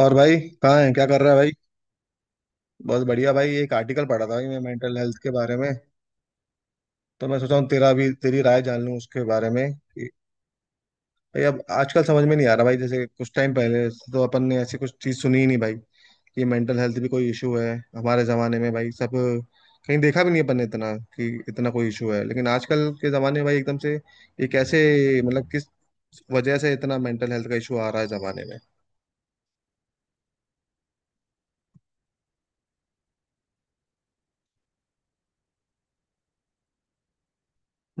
और भाई, कहाँ है, क्या कर रहा है भाई? बहुत बढ़िया भाई। एक आर्टिकल पढ़ा था भाई मैं मेंटल हेल्थ के बारे में। तो मैं सोचा हूँ तेरा भी तेरी राय जान लूँ उसके बारे में कि भाई, अब आजकल समझ में नहीं आ रहा भाई। जैसे कुछ टाइम पहले तो अपन ने ऐसी कुछ चीज़ सुनी ही नहीं भाई कि मेंटल हेल्थ भी कोई इशू है हमारे ज़माने में भाई। सब कहीं देखा भी नहीं अपन ने इतना कि इतना कोई इशू है, लेकिन आजकल के ज़माने में भाई एकदम से ये कैसे, मतलब किस वजह से इतना मेंटल हेल्थ का इशू आ रहा है ज़माने में।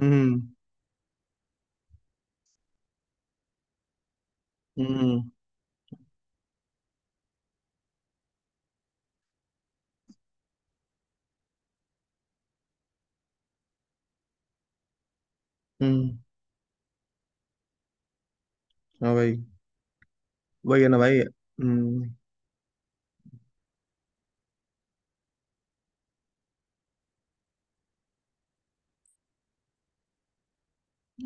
हम्म हम्म हम्म हाँ भाई। वही है ना भाई।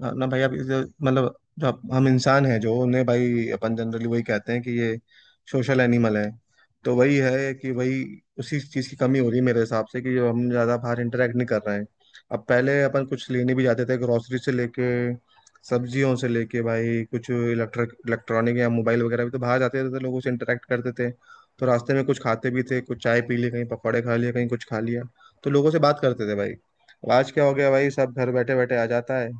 हाँ ना भाई। मतलब हम इंसान हैं, जो उन्हें भाई अपन जनरली वही कहते हैं कि ये सोशल एनिमल है। तो वही है कि वही उसी चीज़ की कमी हो रही है मेरे हिसाब से, कि जो हम ज़्यादा बाहर इंटरेक्ट नहीं कर रहे हैं। अब पहले अपन कुछ लेने भी जाते थे, ग्रोसरी से लेके सब्जियों से लेके भाई, कुछ इलेक्ट्रिक इलेक्ट्रॉनिक या मोबाइल वगैरह भी तो बाहर जाते थे, लोगों से इंटरेक्ट करते थे। तो रास्ते में कुछ खाते भी थे, कुछ चाय पी ली कहीं, पकौड़े खा लिए कहीं, कुछ खा लिया, तो लोगों से बात करते थे भाई। अब आज क्या हो गया भाई, सब घर बैठे बैठे आ जाता है।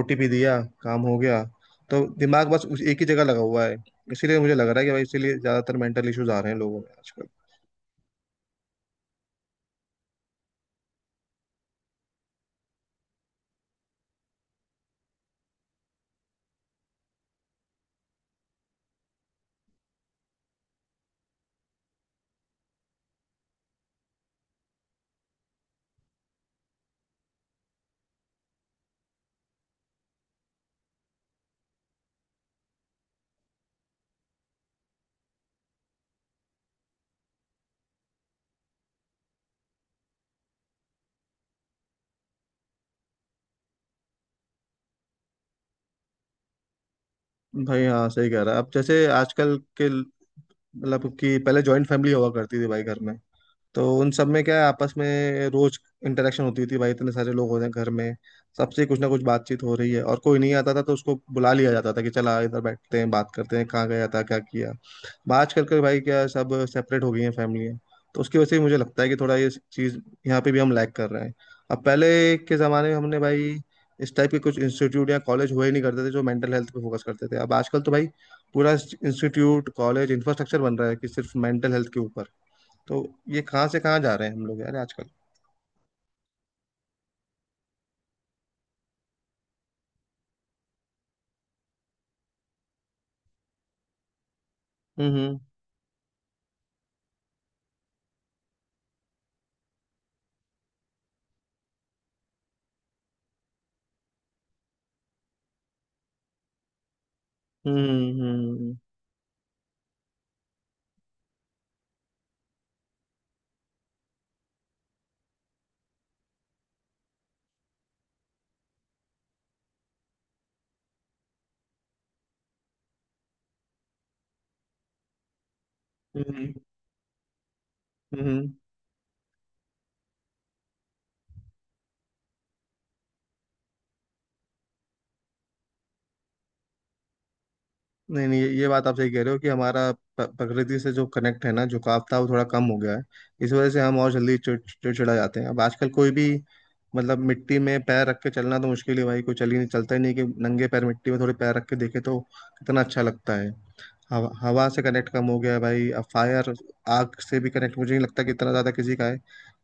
ओटीपी दिया, काम हो गया। तो दिमाग बस उस एक ही जगह लगा हुआ है। इसीलिए मुझे लग रहा है कि भाई, इसीलिए ज्यादातर मेंटल इश्यूज आ रहे हैं लोगों में आजकल। भाई हाँ, सही कह रहा है। अब जैसे आजकल के, मतलब कि पहले जॉइंट फैमिली हुआ करती थी भाई घर में, तो उन सब में क्या है, आपस में रोज इंटरेक्शन होती थी भाई। इतने सारे लोग हो रहे हैं घर में, सबसे कुछ ना कुछ बातचीत हो रही है। और कोई नहीं आता था तो उसको बुला लिया जाता था कि चला इधर बैठते हैं, बात करते हैं, कहाँ गया था, क्या किया। आजकल के भाई क्या है, सब सेपरेट हो गई हैं फैमिलियाँ। तो उसकी वजह से मुझे लगता है कि थोड़ा ये चीज़ यहाँ पे भी हम लैग कर रहे हैं। अब पहले के ज़माने में हमने भाई इस टाइप के कुछ इंस्टीट्यूट या कॉलेज हुए ही नहीं करते थे जो मेंटल हेल्थ पे फोकस करते थे। अब आजकल तो भाई पूरा इंस्टीट्यूट कॉलेज इंफ्रास्ट्रक्चर बन रहा है कि सिर्फ मेंटल हेल्थ के ऊपर। तो ये कहाँ से कहाँ जा रहे हैं हम लोग यार आजकल। हम्म हम्म हम्म हम्म हम्म नहीं नहीं, ये बात आप सही कह रहे हो कि हमारा प्रकृति से जो कनेक्ट है ना, झुकाव था, वो थोड़ा कम हो गया है। इस वजह से हम और जल्दी चिड़चिड़ा जाते हैं। अब आजकल कोई भी, मतलब मिट्टी में पैर रख के चलना तो मुश्किल है भाई, कोई चल ही नहीं चलता ही नहीं कि नंगे पैर मिट्टी में थोड़े पैर रख के देखे तो कितना अच्छा लगता है। हवा हवा से कनेक्ट कम हो गया है भाई। अब फायर, आग से भी कनेक्ट मुझे नहीं लगता कि इतना ज्यादा किसी का है।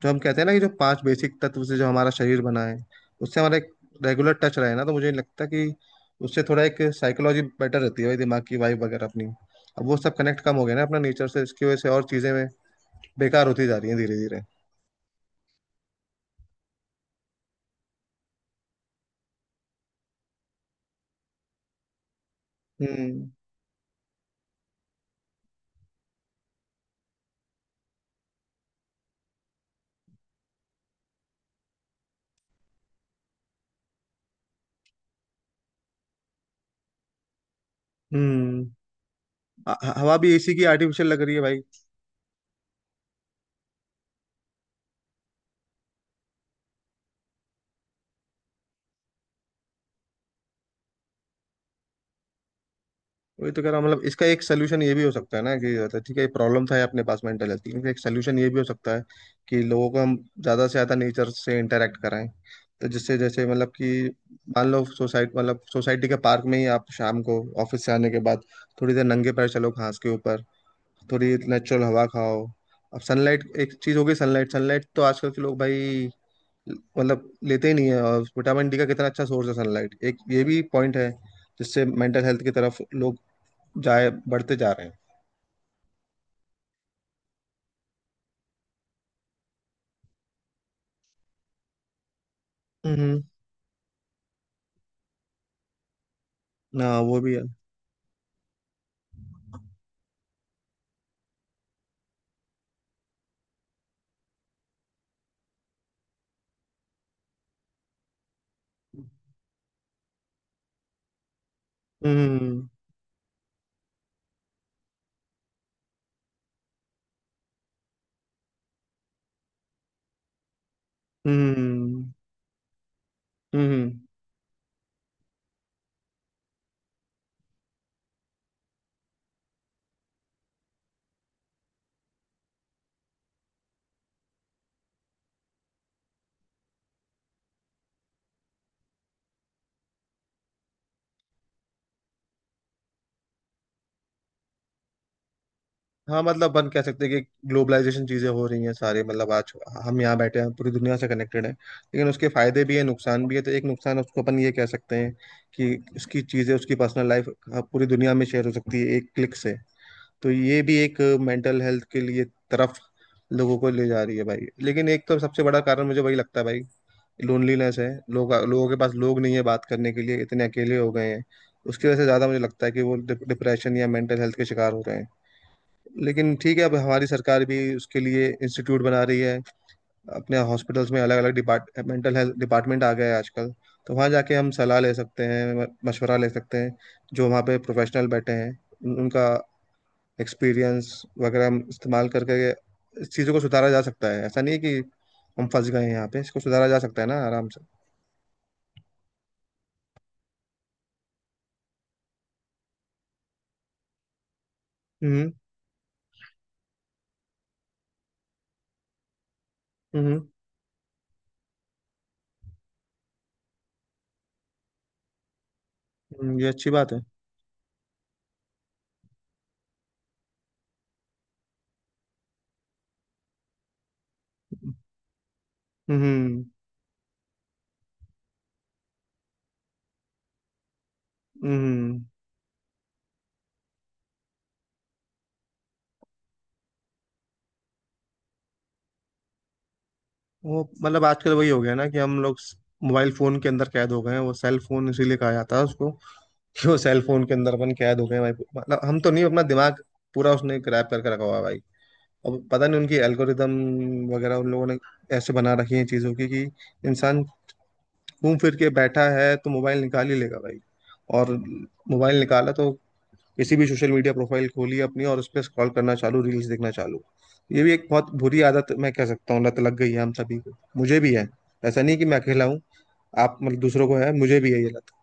जो हम कहते हैं ना कि जो पांच बेसिक तत्व से जो हमारा शरीर बना है, उससे हमारा एक रेगुलर टच रहे ना, तो मुझे नहीं लगता कि, उससे थोड़ा एक साइकोलॉजी बेटर रहती है भाई, दिमाग की वाइब वगैरह अपनी। अब वो सब कनेक्ट कम हो गया ना अपना नेचर से, इसकी वजह से और चीजें में बेकार होती जा रही हैं धीरे धीरे। हम्म हम्म हवा भी एसी की आर्टिफिशियल लग रही है भाई। वही तो कह रहा हूँ, मतलब इसका एक सोल्यूशन ये भी हो सकता है ना कि, मतलब ठीक है, ये प्रॉब्लम था ये अपने पास मेंटल हेल्थ की, लेकिन एक सोल्यूशन ये भी हो सकता है कि लोगों को हम ज्यादा से ज्यादा नेचर से इंटरेक्ट कराएं। तो जिससे, जैसे मतलब कि मान लो सोसाइटी, मतलब सोसाइटी के पार्क में ही आप शाम को ऑफिस से आने के बाद थोड़ी देर नंगे पैर चलो घास के ऊपर, थोड़ी नेचुरल हवा खाओ। अब सनलाइट एक चीज हो गई। सनलाइट सनलाइट तो आजकल के लोग भाई, मतलब लेते ही नहीं है। और विटामिन डी का कितना अच्छा सोर्स है सनलाइट, एक ये भी पॉइंट है जिससे मेंटल हेल्थ की तरफ लोग जाए बढ़ते जा रहे हैं। हम्म ना, वो भी है। हम्म हम्म हम्म हाँ, मतलब अपन कह सकते हैं कि ग्लोबलाइजेशन चीजें हो रही हैं सारे, मतलब आज हम यहाँ बैठे हैं पूरी दुनिया से कनेक्टेड है, लेकिन उसके फायदे भी है, नुकसान भी है। तो एक नुकसान उसको अपन ये कह सकते हैं कि उसकी चीजें, उसकी पर्सनल लाइफ पूरी दुनिया में शेयर हो सकती है एक क्लिक से। तो ये भी एक मेंटल हेल्थ के लिए तरफ लोगों को ले जा रही है भाई। लेकिन एक तो सबसे बड़ा कारण मुझे वही लगता है भाई, लोनलीनेस है। लोग, लोगों के पास लोग नहीं है बात करने के लिए, इतने अकेले हो गए हैं। उसकी वजह से ज़्यादा मुझे लगता है कि वो डिप्रेशन या मेंटल हेल्थ के शिकार हो रहे हैं। लेकिन ठीक है, अब हमारी सरकार भी उसके लिए इंस्टीट्यूट बना रही है। अपने हॉस्पिटल्स में अलग अलग डिपार्ट, मेंटल हेल्थ डिपार्टमेंट आ गया है आजकल। तो वहाँ जाके हम सलाह ले सकते हैं, मशवरा ले सकते हैं। जो वहाँ पे प्रोफेशनल बैठे हैं, उनका एक्सपीरियंस वगैरह हम इस्तेमाल करके इस चीज़ों को सुधारा जा सकता है। ऐसा नहीं है कि हम फंस गए हैं यहाँ पे, इसको सुधारा जा सकता है ना आराम से। हम्म हम्म ये अच्छी बात है। हम्म हम्म वो, मतलब आजकल वही हो गया ना कि हम लोग मोबाइल फोन के अंदर कैद हो गए हैं। वो सेल फोन इसीलिए कहा जाता है उसको कि वो सेल फोन के अंदर अपन कैद हो गए हैं भाई। मतलब हम तो नहीं, अपना दिमाग पूरा उसने ग्रैब करके रखा हुआ है भाई। अब पता नहीं उनकी एल्गोरिदम वगैरह उन लोगों ने ऐसे बना रखी है चीज़ों की कि इंसान घूम फिर के बैठा है तो मोबाइल निकाल ही लेगा भाई। और मोबाइल निकाला तो किसी भी सोशल मीडिया प्रोफाइल खोली अपनी और उस पर स्क्रॉल करना चालू, रील्स देखना चालू। ये भी एक बहुत बुरी आदत, मैं कह सकता हूँ लत लग गई है हम सभी को। मुझे भी है, ऐसा नहीं कि मैं अकेला हूँ, आप, मतलब दूसरों को है, मुझे भी है ये लत।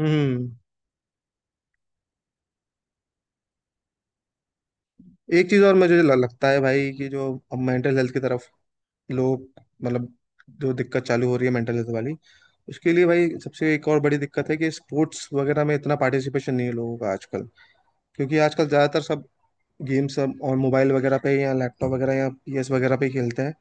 हम्म एक चीज और मुझे लगता है भाई कि जो अब मेंटल हेल्थ की तरफ लोग, मतलब जो दिक्कत चालू हो रही है मेंटल हेल्थ वाली, उसके लिए भाई सबसे एक और बड़ी दिक्कत है कि स्पोर्ट्स वगैरह में इतना पार्टिसिपेशन नहीं है लोगों का आजकल। क्योंकि आजकल ज्यादातर सब गेम्स सब और मोबाइल वगैरह पे या लैपटॉप वगैरह या पीएस वगैरह पे खेलते हैं।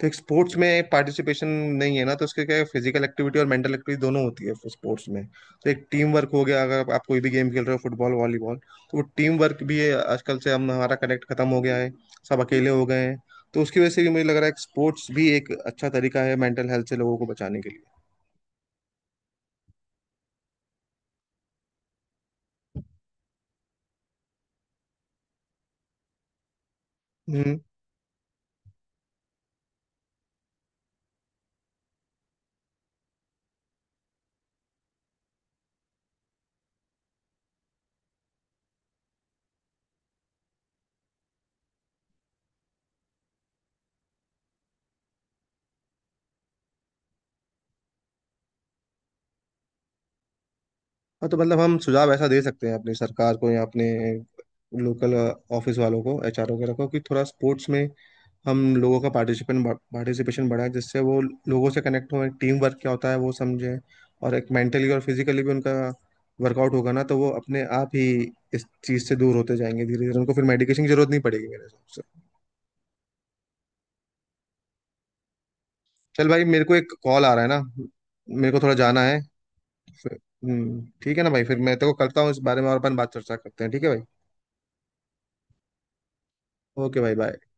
तो एक स्पोर्ट्स में पार्टिसिपेशन नहीं है ना, तो उसके क्या, फिजिकल एक्टिविटी और मेंटल एक्टिविटी दोनों होती है स्पोर्ट्स में। तो एक टीम वर्क हो गया अगर आप कोई भी गेम खेल रहे हो, फुटबॉल, वॉलीबॉल, तो वो टीम वर्क भी है। आजकल से हम, हमारा कनेक्ट खत्म हो गया है, सब अकेले हो गए हैं। तो उसकी वजह से भी मुझे लग रहा है कि स्पोर्ट्स भी एक अच्छा तरीका है मेंटल हेल्थ से लोगों को बचाने के लिए। हम्म हाँ, तो मतलब हम सुझाव ऐसा दे सकते हैं अपनी सरकार को या अपने लोकल ऑफिस वालों को, एचआर वगैरह को, कि थोड़ा स्पोर्ट्स में हम लोगों का पार्टिसिपेशन पार्टिसिपेशन बढ़ाए, जिससे वो लोगों से कनेक्ट हो, टीम वर्क क्या होता है वो समझे। और एक मेंटली और फिजिकली भी उनका वर्कआउट होगा ना, तो वो अपने आप ही इस चीज से दूर होते जाएंगे धीरे धीरे। उनको फिर मेडिकेशन की जरूरत नहीं पड़ेगी मेरे हिसाब से। चल भाई, मेरे को एक कॉल आ रहा है ना, मेरे को थोड़ा जाना है। फिर- ठीक है ना भाई, फिर मैं तेरे को करता हूँ इस बारे में और अपन बात चर्चा करते हैं, ठीक है भाई। ओके भाई, बाय।